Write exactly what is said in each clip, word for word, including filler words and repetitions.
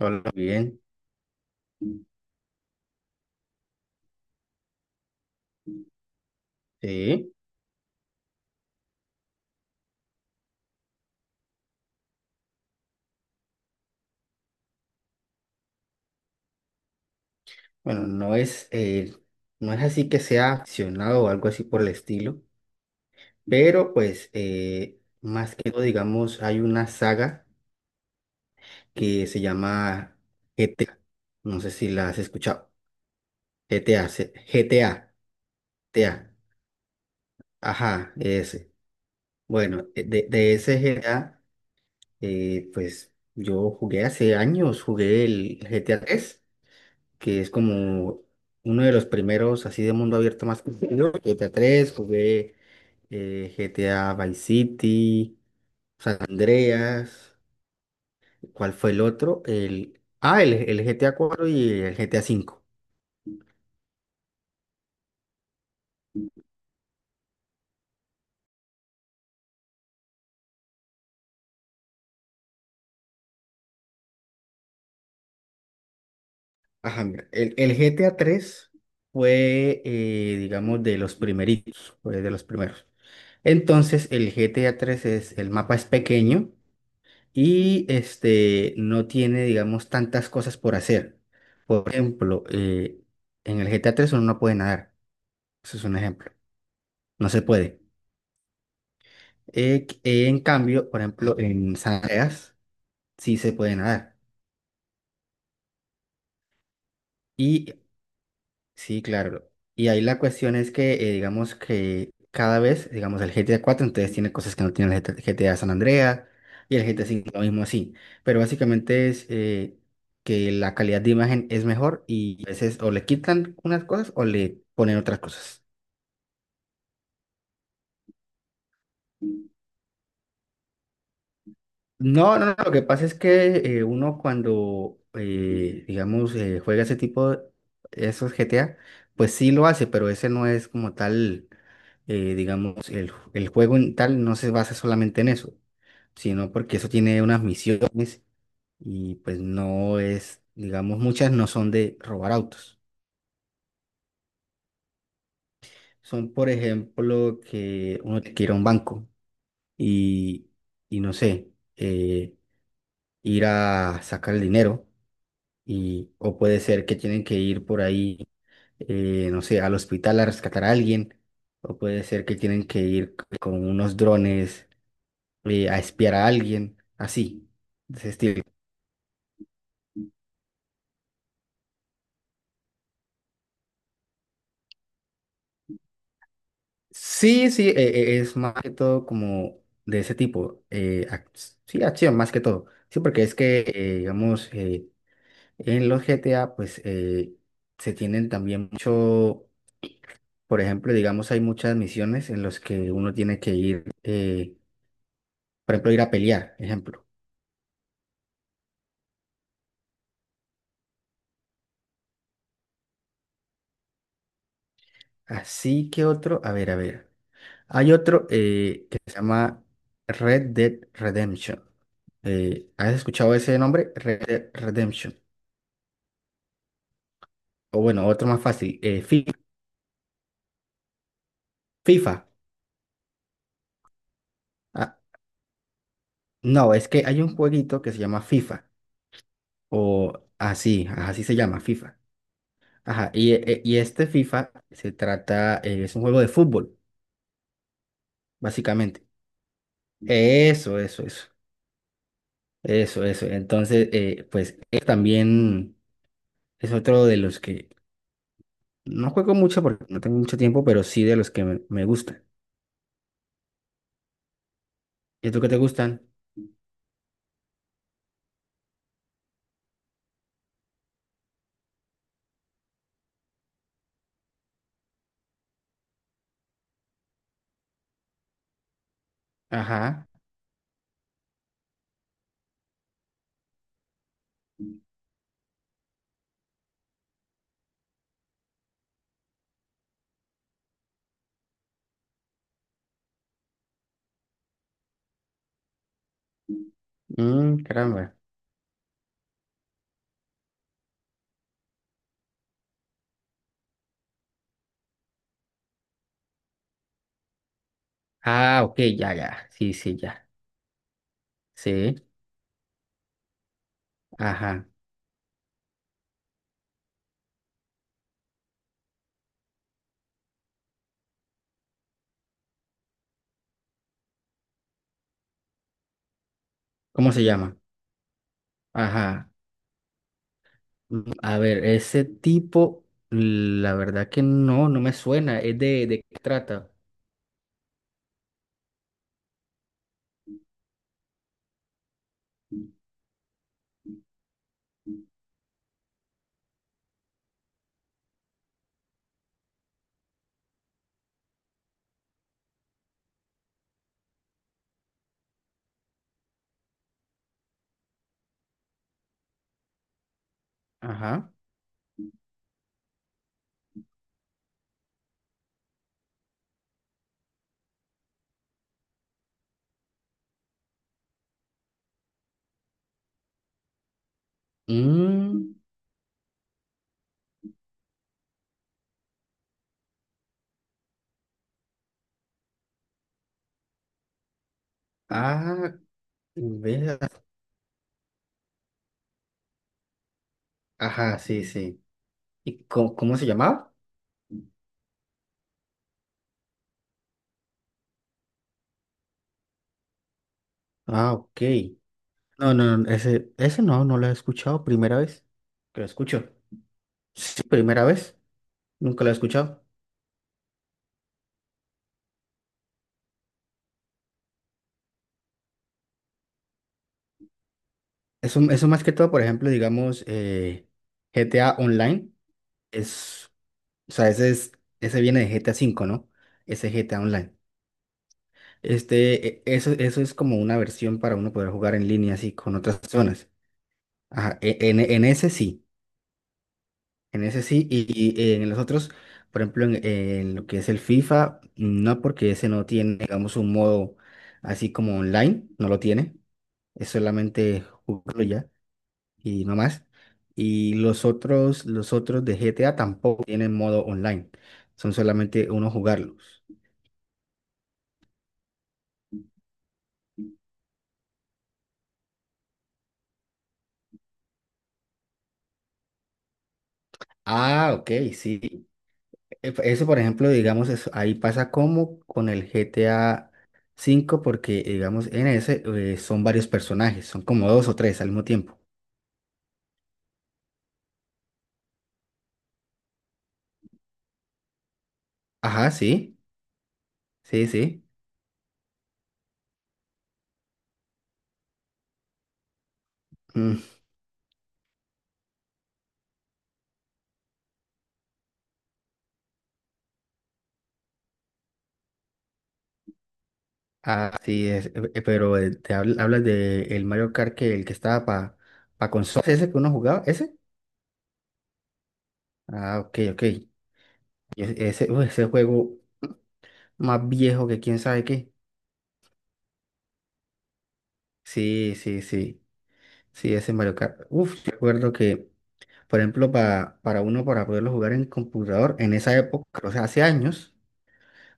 Hola, bien. Sí. Bueno, no es, eh, no es así que sea accionado o algo así por el estilo, pero pues eh, más que todo, digamos, hay una saga que se llama G T A. No sé si la has escuchado. G T A, se- G T A, G T A. Ajá, ese. Bueno, eh, de, de ese G T A, eh, pues yo jugué hace años, jugué el G T A tres, que es como uno de los primeros así de mundo abierto más conocido. G T A tres jugué, eh, G T A Vice City, San Andreas. ¿Cuál fue el otro? El, ah, el, el G T A cuatro y el G T A cinco. Ajá, mira, el, el G T A tres fue, eh, digamos, de los primeritos, fue de los primeros. Entonces, el G T A tres es, el mapa es pequeño y este, no tiene, digamos, tantas cosas por hacer. Por ejemplo, eh, en el G T A tres uno no puede nadar. Eso es un ejemplo. No se puede. Eh, qu- eh, en cambio, por ejemplo, en San Andreas sí se puede nadar. Y Sí, claro. Y ahí la cuestión es que, eh, digamos que cada vez, digamos, el G T A cuatro entonces tiene cosas que no tiene el G T A San Andreas y el G T A cinco lo mismo así. Pero básicamente es, eh, que la calidad de imagen es mejor y a veces o le quitan unas cosas o le ponen otras cosas. No, no, no, lo que pasa es que, eh, uno cuando, eh, digamos, eh, juega ese tipo de esos G T A, pues sí lo hace, pero ese no es como tal, eh, digamos, el, ju- el juego en tal no se basa solamente en eso, sino porque eso tiene unas misiones y pues no es, digamos, muchas no son de robar autos. Son, por ejemplo, que uno tiene que ir a un banco y, y no sé, eh, ir a sacar el dinero y, o puede ser que tienen que ir por ahí, eh, no sé, al hospital a rescatar a alguien, o puede ser que tienen que ir c- con unos drones, eh, a espiar a alguien, así, de ese estilo. Sí, sí, eh, eh, es más que todo como de ese tipo, eh, ac- sí, acción más que todo, sí, porque es que, eh, digamos, eh, en los G T A, pues, eh, se tienen también mucho. Por ejemplo, digamos, hay muchas misiones en las que uno tiene que ir, eh, Por ejemplo, ir a pelear, ejemplo. Así que otro, a ver, a ver. Hay otro, eh, que se llama Red Dead Redemption. Eh, ¿has escuchado ese nombre? Red Dead Redemption. O bueno, otro más fácil, eh, Fi- FIFA. Ah, no, es que hay un jueguito que se llama FIFA. O así, ajá, así se llama, FIFA. Ajá, y, eh, y este FIFA se trata, eh, es un juego de fútbol, básicamente. Eso, eso, eso. Eso, eso. Entonces, eh, pues eh, también. Es otro de los que no juego mucho porque no tengo mucho tiempo, pero sí de los que me, me gustan. ¿Y tú qué te gustan? Ajá. Mm, caramba. Ah, ok, ya, ya. Sí, sí, ya. Sí. Ajá. ¿Cómo se llama? Ajá. Mm, a ver, ese tipo, la verdad que no, no me suena. ¿Es de, de qué trata? Ajá. Mm, ah, vea. Ajá, sí, sí. ¿Y cómo, cómo se llamaba? Ah, ok. No, no, no, ese, ese no, no lo he escuchado. Primera vez que lo escucho. Sí, primera vez. Nunca lo he escuchado. Eso, eso más que todo, por ejemplo, digamos, eh, G T A Online es, o sea, ese es, ese viene de G T A cinco, ¿no? Ese G T A Online. Este, e- eso, eso es como una versión para uno poder jugar en línea así con otras personas. Ajá, e- en, en ese sí. En ese sí, y, y en los otros, por ejemplo, en, en lo que es el FIFA, no porque ese no tiene, digamos, un modo así como online, no lo tiene, es solamente jugarlo ya y no más. Y los otros, los otros de G T A tampoco tienen modo online, son solamente uno jugarlos. Ah, ok, sí. E- Eso, por ejemplo, digamos, es- ahí pasa como con el G T A cinco, porque, digamos, en ese, eh, son varios personajes, son como dos o tres al mismo tiempo. Ajá, sí, sí, sí. Mm, ah, sí, es, eh, eh, pero eh, te habl- hablas de el Mario Kart, que el que estaba para pa consola, ese que uno jugaba, ese. Ah, ok, ok. Y es- Ese, uy, ese juego más viejo que quién sabe qué. Sí, sí, sí. Sí, ese Mario Kart. Uf, yo recuerdo que, por ejemplo, pa- para uno para poderlo jugar en computador, en esa época, o sea, hace años,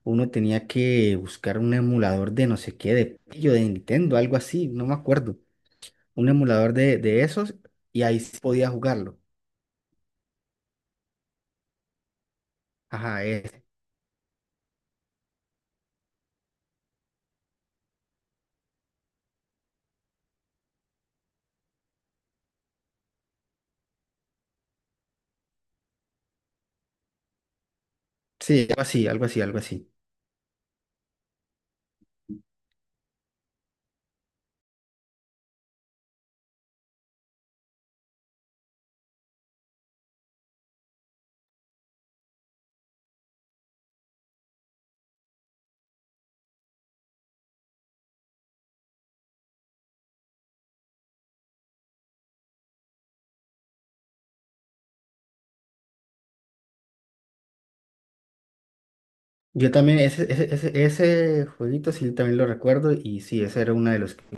uno tenía que buscar un emulador de no sé qué, de pillo de Nintendo, algo así, no me acuerdo. Un emulador de, de esos y ahí sí podía jugarlo. Ajá, ese. Sí, algo así, algo así, algo así. Yo también, ese, ese, ese, ese jueguito sí también lo recuerdo y sí, ese era uno de los que-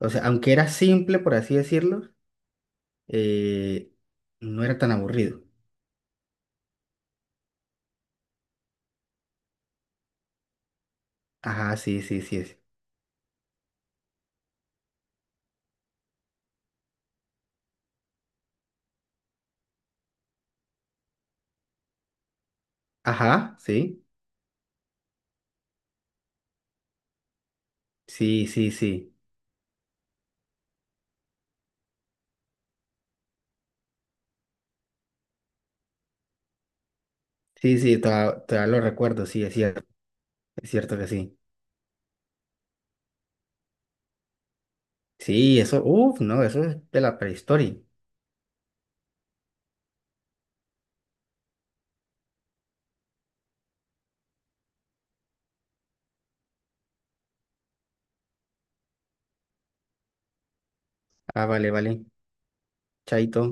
O sea, aunque era simple, por así decirlo, eh, no era tan aburrido. Ajá, sí, sí, sí, sí. Ajá, sí, sí, sí, sí. Sí, sí, toda- todavía, lo recuerdo, sí, es cierto, es cierto que sí. Sí, eso, uff, no, eso es de la prehistoria. Ah, vale, vale. Chaito.